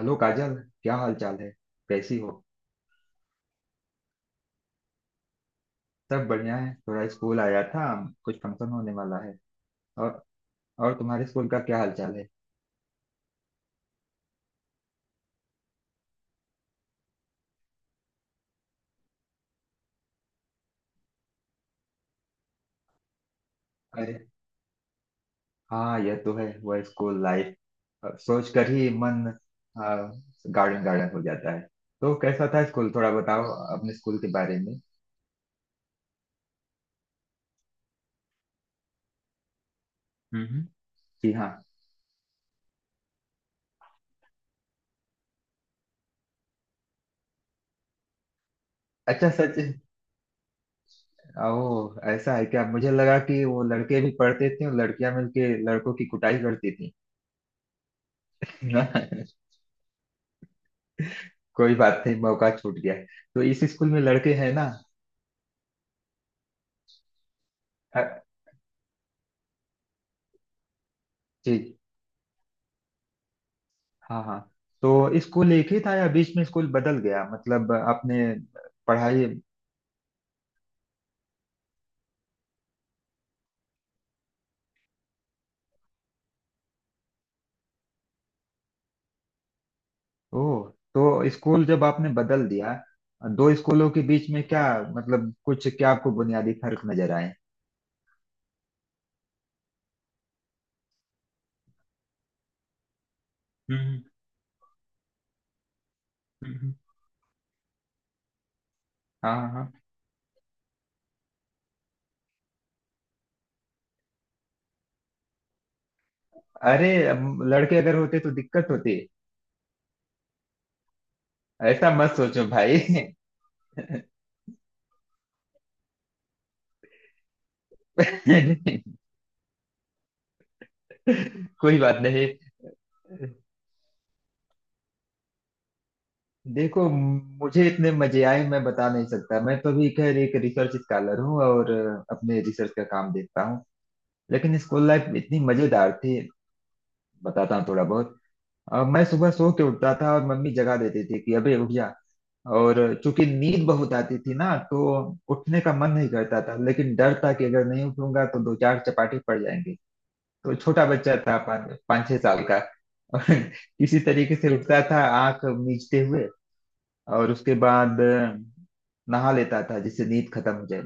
Hello Kajal. क्या हाल चाल है? कैसी हो? सब बढ़िया है, थोड़ा स्कूल आया था। कुछ फंक्शन होने वाला है। और और तुम्हारे स्कूल का क्या हाल चाल है? अरे, हाँ यह तो है, वह स्कूल लाइफ। अब सोच कर ही मन गार्डन गार्डन हो जाता है। तो कैसा था स्कूल, थोड़ा बताओ अपने स्कूल के बारे में। हम्म। जी हाँ। अच्छा, सच? ओ, ऐसा है क्या? मुझे लगा कि वो लड़के भी पढ़ते थे और लड़कियां मिलके लड़कों की कुटाई करती थी। कोई बात नहीं, मौका छूट गया। तो इस स्कूल में लड़के हैं ना? अ, जी हाँ, हाँ। तो स्कूल एक ही था या बीच में स्कूल बदल गया, मतलब आपने पढ़ाई? ओह, तो स्कूल जब आपने बदल दिया दो स्कूलों के बीच में, क्या मतलब कुछ क्या आपको बुनियादी फर्क नजर आए? हम्म। हम्म। हाँ, हाँ। अरे, अब लड़के अगर होते तो दिक्कत होती। ऐसा मत सोचो भाई। कोई बात नहीं। देखो, मुझे इतने मजे आए मैं बता नहीं सकता। मैं तो भी खैर एक रिसर्च स्कॉलर हूँ और अपने रिसर्च का काम देखता हूँ। लेकिन स्कूल लाइफ इतनी मजेदार थी, बताता हूँ थोड़ा बहुत। मैं सुबह सो के उठता था और मम्मी जगा देती थी कि अबे उठ जा। और चूंकि नींद बहुत आती थी ना, तो उठने का मन नहीं करता था। लेकिन डर था कि अगर नहीं उठूंगा तो दो चार चपाटी पड़ जाएंगे। तो छोटा बच्चा था, पाँच पाँच छह साल का। और किसी तरीके से उठता था, आंख मीचते हुए। और उसके बाद नहा लेता था, जिससे नींद खत्म हो जाए।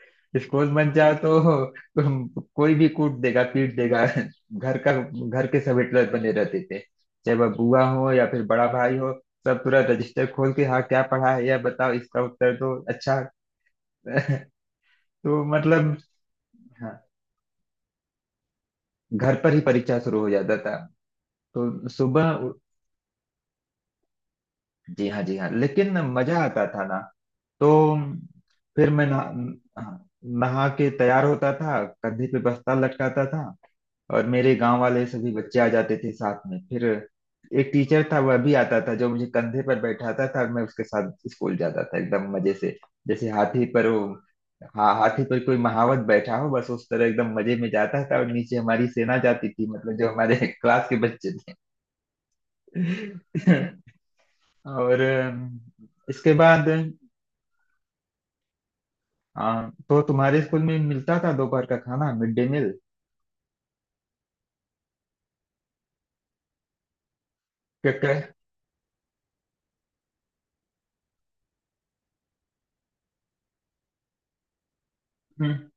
स्कूल बन जाओ तो तुम कोई भी कूट देगा पीट देगा घर का। घर के सब हिटलर बने रहते थे, चाहे वह बुआ हो या फिर बड़ा भाई हो। सब पूरा रजिस्टर खोल के, हाँ क्या पढ़ा है, या बताओ इसका उत्तर दो। अच्छा। तो मतलब, हाँ, घर पर ही परीक्षा शुरू हो जाता था। तो सुबह जी हाँ, जी हाँ, लेकिन मजा आता था ना। तो फिर मैं नहा नहा के तैयार होता था, कंधे पे बस्ता लटकाता था। और मेरे गांव वाले सभी बच्चे आ जाते थे साथ में। फिर एक टीचर था, वह भी आता था, जो मुझे कंधे पर बैठाता था और मैं उसके साथ स्कूल जाता था एकदम मजे से। जैसे हाथी पर वो, हाथी पर कोई महावत बैठा हो, बस उस तरह एकदम मजे में जाता था। और नीचे हमारी सेना जाती थी, मतलब जो हमारे क्लास के बच्चे थे। और इसके बाद, हाँ तो तुम्हारे स्कूल में मिलता था दोपहर का खाना, मिड डे मील? क्या। हम्म।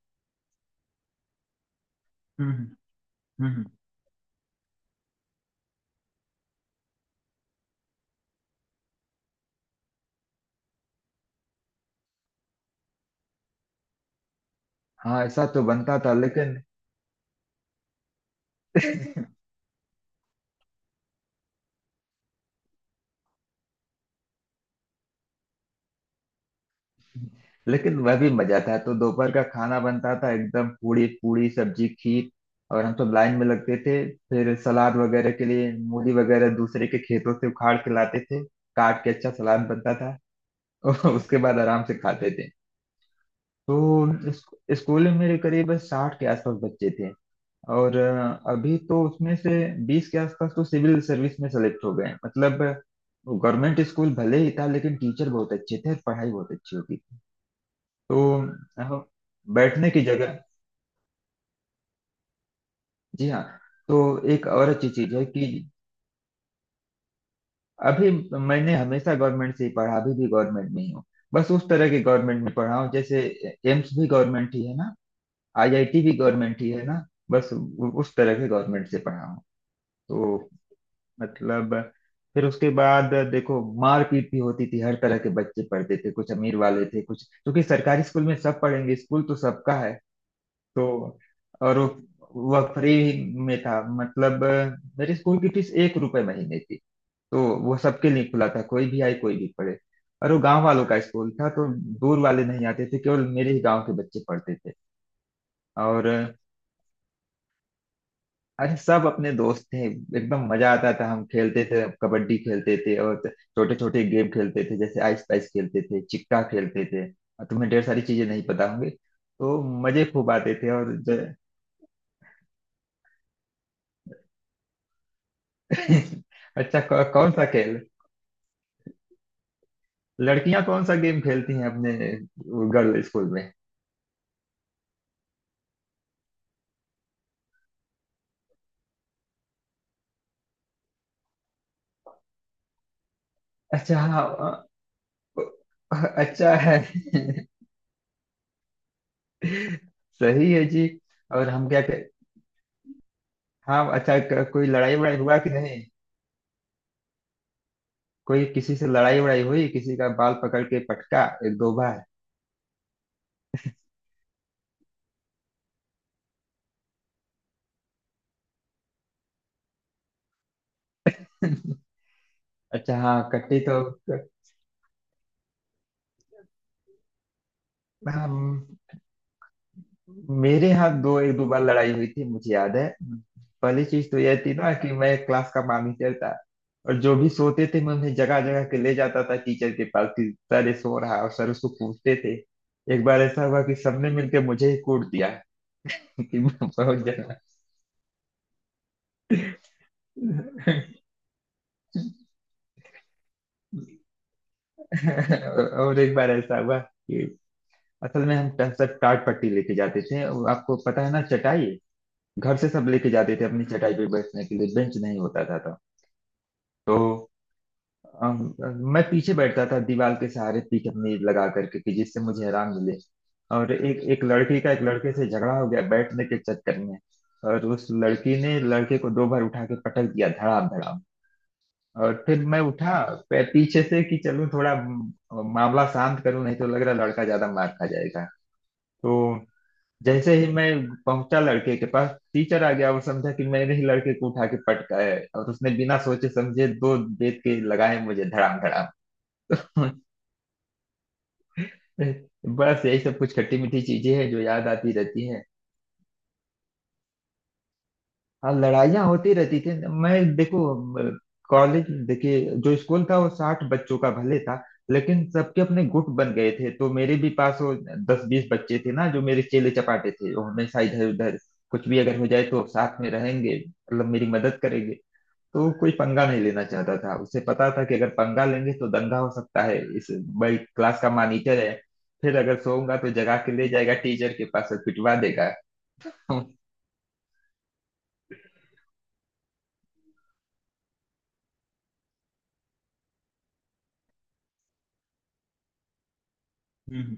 हम्म। हम्म। हाँ, ऐसा तो बनता था लेकिन लेकिन वह भी मजा था। तो दोपहर का खाना बनता था एकदम, पूरी पूरी सब्जी खीर। और हम सब लाइन में लगते थे। फिर सलाद वगैरह के लिए मूली वगैरह दूसरे के खेतों से उखाड़ के लाते थे, काट के अच्छा सलाद बनता था। और उसके बाद आराम से खाते थे। तो स्कूल में मेरे करीब साठ के आसपास बच्चे थे। और अभी तो उसमें से बीस के आसपास तो सिविल सर्विस में सेलेक्ट हो गए हैं। मतलब गवर्नमेंट स्कूल भले ही था, लेकिन टीचर बहुत अच्छे थे और पढ़ाई बहुत अच्छी होती थी। तो बैठने की जगह, जी हाँ। तो एक और अच्छी चीज है कि अभी मैंने हमेशा गवर्नमेंट से ही पढ़ा, अभी भी गवर्नमेंट में ही हूँ। बस उस तरह के गवर्नमेंट में पढ़ा हूँ जैसे एम्स भी गवर्नमेंट ही है ना, आईआईटी भी गवर्नमेंट ही है ना, बस उस तरह के गवर्नमेंट से पढ़ा हूँ। तो मतलब, फिर उसके बाद देखो, मारपीट भी होती थी। हर तरह के बच्चे पढ़ते थे, कुछ अमीर वाले थे कुछ, क्योंकि सरकारी स्कूल में सब पढ़ेंगे, स्कूल तो सबका है। तो और वो, वह फ्री में था, मतलब मेरे स्कूल की फीस एक रुपए महीने थी। तो वो सबके लिए खुला था, कोई भी आए कोई भी पढ़े। और वो गांव वालों का स्कूल था, तो दूर वाले नहीं आते थे, केवल मेरे ही गांव के बच्चे पढ़ते थे। और अरे, सब अपने दोस्त थे, एकदम मजा आता था। हम खेलते थे, कबड्डी खेलते थे और छोटे छोटे गेम खेलते थे, जैसे आइस पाइस खेलते थे, चिक्का खेलते थे। और तुम्हें ढेर सारी चीजें नहीं पता होंगी, तो मजे खूब आते थे। और ज... अच्छा, कौन सा खेल, लड़कियां कौन सा गेम खेलती हैं अपने गर्ल स्कूल में? अच्छा, हाँ, अच्छा है। सही है जी। और हम क्या, हाँ अच्छा, कोई लड़ाई वड़ाई हुआ कि नहीं? कोई किसी से लड़ाई वड़ाई हुई, किसी का बाल पकड़ के पटका एक दो बार? अच्छा, हाँ, कट्टी तो। हम- मेरे यहाँ दो, एक दो बार लड़ाई हुई थी मुझे याद है। पहली चीज तो यह थी ना कि मैं क्लास का मॉनिटर था, और जो भी सोते थे मैं उन्हें जगह जगह के ले जाता था टीचर के पास कि सर ये सो रहा है, और सर उसको कूटते थे। एक बार ऐसा हुआ कि सबने मिलकर मुझे ही कूट दिया कि मैं बहुत जगह। और एक बार ऐसा हुआ, असल में हम पैंसठ टाट पट्टी लेके जाते थे, और आपको पता है ना, चटाई घर से सब लेके जाते थे अपनी चटाई पे बैठने के लिए, बेंच नहीं होता था तब। तो अम, मैं पीछे बैठता था, दीवार के सहारे पीठ अपनी लगा करके, कि जिससे मुझे आराम मिले। और एक एक लड़की का एक लड़के से झगड़ा हो गया बैठने के चक्कर में, और उस लड़की ने लड़के को दो बार उठा के पटक दिया, धड़ाम धड़ाम। और फिर मैं उठा पीछे से, कि चलूं थोड़ा मामला शांत करूं, नहीं तो लग रहा लड़का ज्यादा मार खा जाएगा। तो जैसे ही मैं पहुंचा लड़के के पास, टीचर आ गया और समझा कि मैंने ही लड़के को उठा के पटका है, और उसने बिना सोचे समझे दो बेत के लगाए मुझे, धड़ाम धड़ाम। बस यही सब कुछ खट्टी मीठी चीजें हैं जो याद आती रहती हैं। हाँ, लड़ाइयाँ होती रहती थी। मैं देखो, म, कॉलेज देखिए, जो स्कूल था वो साठ बच्चों का भले था, लेकिन सबके अपने गुट बन गए थे। तो मेरे भी पास वो दस बीस बच्चे थे ना, जो मेरे चेले चपाटे थे, वो हमेशा इधर उधर, कुछ भी अगर हो जाए तो साथ में रहेंगे, मतलब मेरी मदद करेंगे। तो वो कोई पंगा नहीं लेना चाहता था, उसे पता था कि अगर पंगा लेंगे तो दंगा हो सकता है, इस भाई क्लास का मॉनिटर है, फिर अगर सोऊंगा तो जगा के ले जाएगा टीचर के पास और पिटवा देगा। हम्म।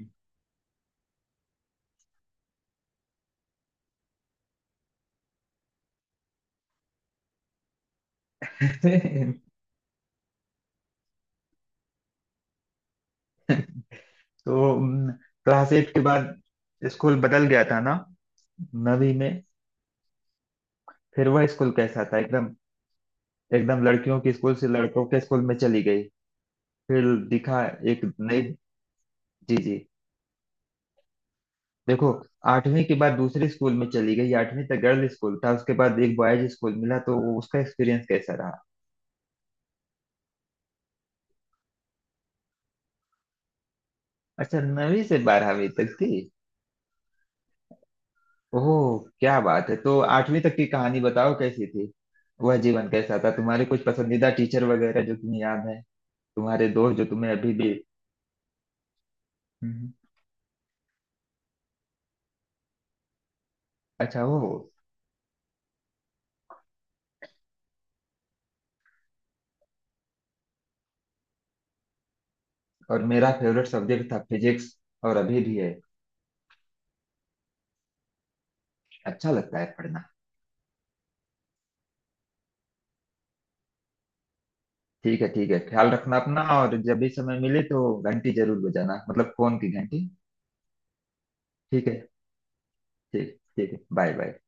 तो क्लास एट के बाद स्कूल बदल गया था ना, नवी में? फिर वह स्कूल कैसा था एकदम, एकदम लड़कियों के स्कूल से लड़कों के स्कूल में चली गई? फिर दिखा एक नई, जी जी, देखो आठवीं के बाद दूसरे स्कूल में चली गई, आठवीं तक गर्ल्स स्कूल था, उसके बाद एक बॉयज स्कूल मिला, तो वो उसका एक्सपीरियंस कैसा रहा? अच्छा, नवीं से बारहवीं तक थी। ओह, क्या बात है। तो आठवीं तक की कहानी बताओ, कैसी थी, वह जीवन कैसा था, तुम्हारे कुछ पसंदीदा टीचर वगैरह जो तुम्हें याद है, तुम्हारे दोस्त जो तुम्हें अभी भी, हम्म। अच्छा, वो, और मेरा फेवरेट सब्जेक्ट था फिजिक्स, और अभी भी है, अच्छा लगता है पढ़ना। ठीक है, ठीक है, ख्याल रखना अपना। और जब भी समय मिले तो घंटी जरूर बजाना, मतलब फोन की घंटी। ठीक है। ठीक, ठीक है, बाय बाय।